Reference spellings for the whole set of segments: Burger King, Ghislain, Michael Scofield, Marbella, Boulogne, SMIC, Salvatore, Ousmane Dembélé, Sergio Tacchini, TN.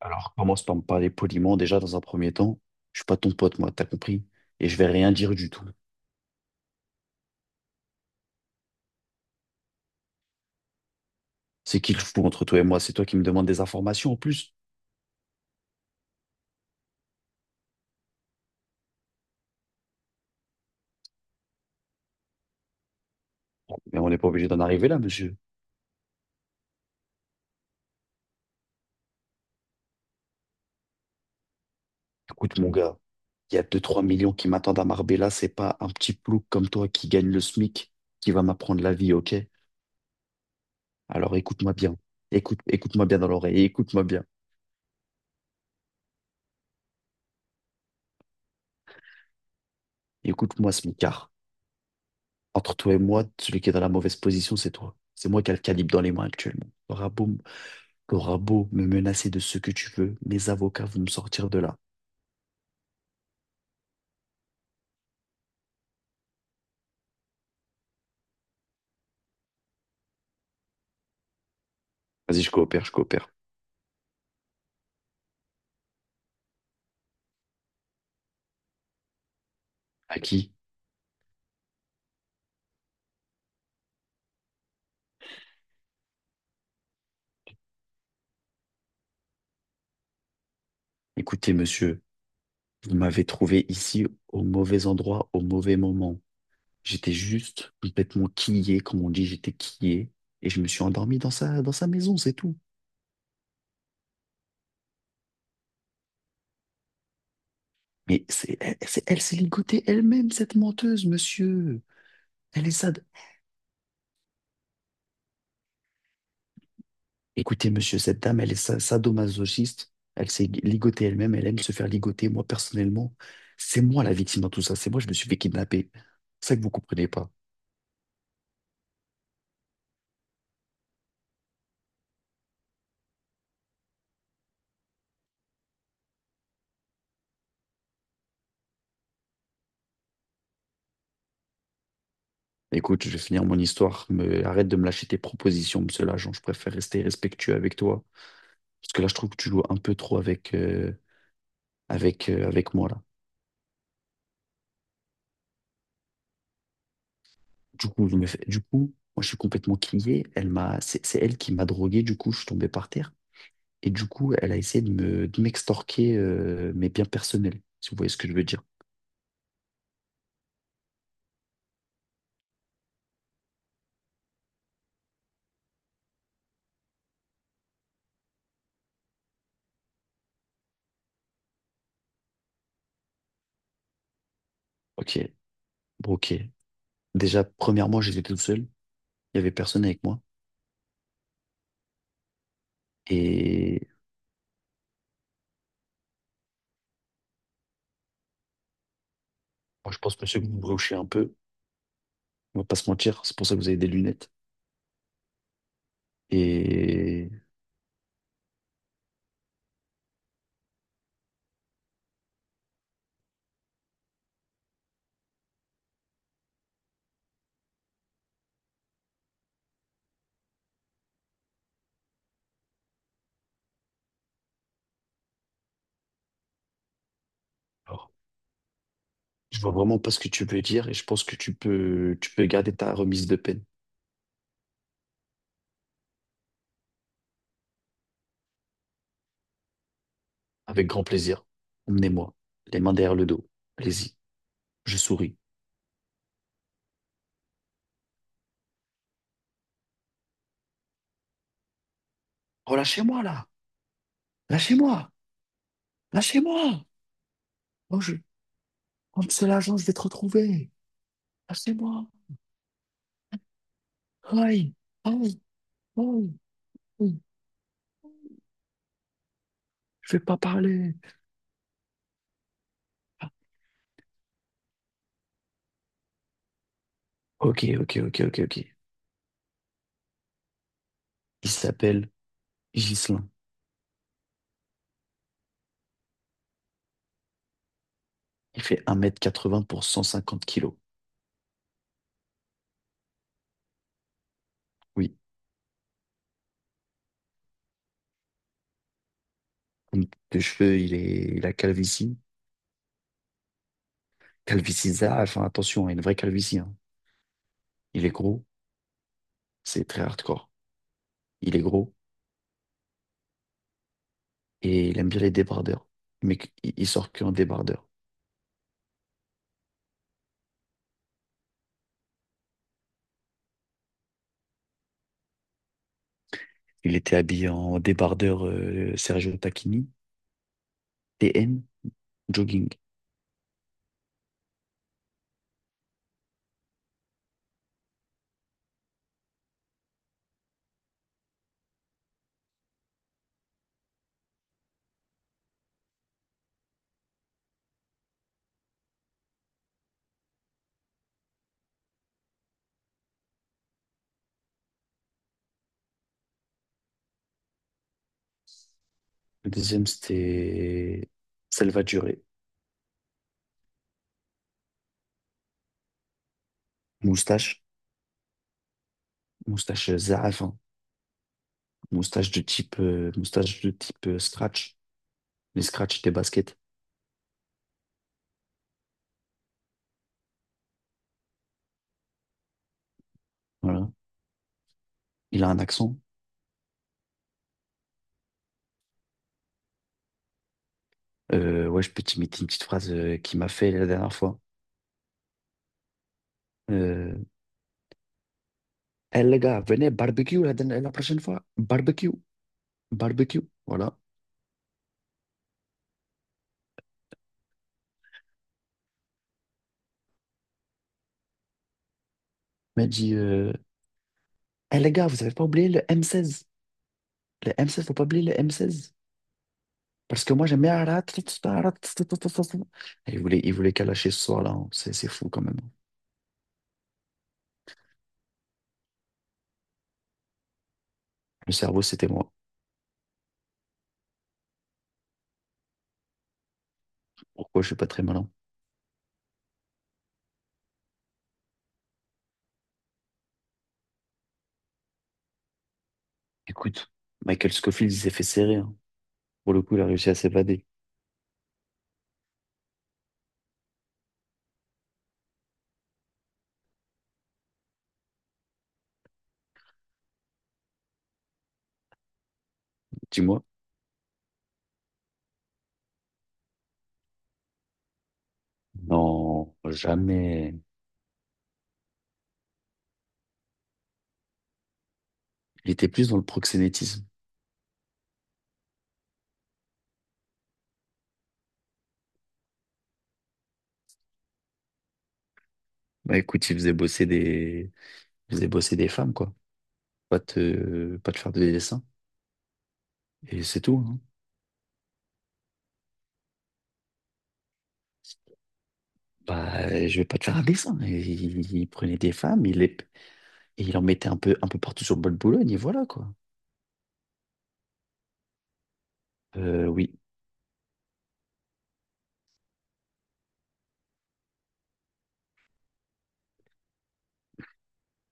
Alors, commence par me parler poliment déjà dans un premier temps. Je suis pas ton pote, moi, t'as compris? Et je vais rien dire du tout. C'est qui le fou entre toi et moi? C'est toi qui me demandes des informations en plus. Mais on n'est pas obligé d'en arriver là, monsieur. Écoute, mon gars, il y a deux trois millions qui m'attendent à Marbella. C'est pas un petit plouc comme toi qui gagne le SMIC qui va m'apprendre la vie, ok? Alors écoute-moi bien. Écoute, écoute-moi bien dans l'oreille. Et Écoute-moi bien. Écoute-moi, smicard. Entre toi et moi, celui qui est dans la mauvaise position, c'est toi. C'est moi qui ai le calibre dans les mains actuellement. Bravo. T'auras beau me menacer de ce que tu veux, mes avocats vont me sortir de là. Vas-y, je coopère, je coopère. À qui? Écoutez, monsieur, vous m'avez trouvé ici au mauvais endroit, au mauvais moment. J'étais juste complètement quillé, comme on dit, j'étais quillé, et je me suis endormi dans sa maison, c'est tout. Mais elle s'est ligotée elle-même, cette menteuse, monsieur. Elle est sad. Écoutez, monsieur, cette dame, sadomasochiste. Elle s'est ligotée elle-même. Elle aime se faire ligoter. Moi, personnellement, c'est moi la victime dans tout ça. C'est moi, je me suis fait kidnapper. C'est ça que vous comprenez pas. Écoute, je vais finir mon histoire. Mais arrête de me lâcher tes propositions, monsieur l'agent. Je préfère rester respectueux avec toi. Parce que là, je trouve que tu joues un peu trop avec, avec moi, là. Du coup, moi, je suis complètement crié. C'est elle qui m'a drogué. Du coup, je suis tombé par terre. Et du coup, elle a essayé de m'extorquer mes biens personnels, si vous voyez ce que je veux dire. Ok, bon, ok. Déjà, premièrement, j'étais tout seul. Il n'y avait personne avec moi. Et moi, je pense, monsieur, que vous me brochez un peu. On va pas se mentir. C'est pour ça que vous avez des lunettes. Et alors, je vois vraiment pas ce que tu veux dire. Et je pense que tu peux garder ta remise de peine. Avec grand plaisir. Emmenez-moi. Les mains derrière le dos. Allez-y. Je souris. Oh, lâchez-moi, là. Lâchez-moi. Lâchez-moi. Oh, je. Comme c'est l'agent, je vais te retrouver. Lâchez-moi. Aïe, aïe, aïe, aïe. Oui. Je vais pas parler. Ah, ok, ok, ok, ok, ok. Il s'appelle Ghislain. Il fait un mètre quatre 80 pour 150 kilos. Oui. Comme de cheveux, il a calvitie. Calvitie, ça, enfin, attention, hein, une vraie calvitie. Hein. Il est gros. C'est très hardcore. Il est gros et il aime bien les débardeurs. Mais il sort que en débardeur. Il était habillé en débardeur Sergio Tacchini, TN, jogging. Le deuxième, c'était Salvatore. Moustache, moustache Zaaf, hein. Moustache de type scratch, les scratch des baskets. Voilà. Il a un accent. Ouais, je peux t'imiter une petite phrase qu'il m'a fait la dernière fois. Euh, Eh, les gars, venez barbecue la prochaine fois. Barbecue, barbecue. Voilà. Il m'a dit, eh, les gars, vous avez pas oublié le M16. Le m seize, faut pas oublier le M16. Parce que moi, j'aime bien. Et il voulait, il voulait qu'à lâcher ce soir-là. Hein. C'est fou quand même. Le cerveau, c'était moi. Pourquoi je suis pas très malin? Écoute, Michael Scofield, il s'est fait serrer. Hein. Pour le coup, il a réussi à s'évader. Dis-moi. Non, jamais. Il était plus dans le proxénétisme. Bah écoute, il faisait bosser des femmes, quoi. Pas te faire des dessins. Et c'est tout. Hein. Bah, je vais pas te faire un dessin. Et il prenait des femmes, et il en mettait un peu partout sur le bol de Boulogne, et voilà, quoi. Oui.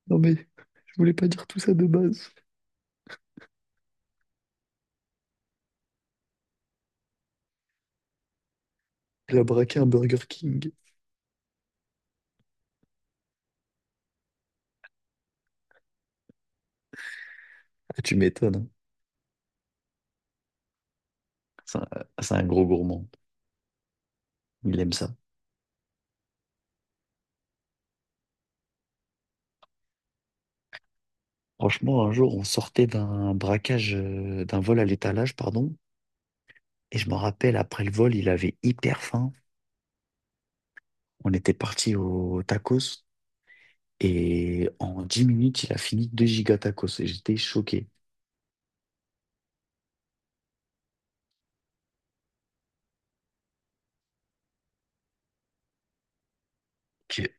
Non, mais je voulais pas dire tout ça de base. Il a braqué un Burger King. Ah, tu m'étonnes. Hein. C'est un, c'est un gros gourmand. Il aime ça. Franchement, un jour, on sortait d'un vol à l'étalage, pardon. Et je me rappelle, après le vol, il avait hyper faim. On était parti au tacos. Et en 10 minutes, il a fini 2 giga tacos. Et j'étais choqué. Ok.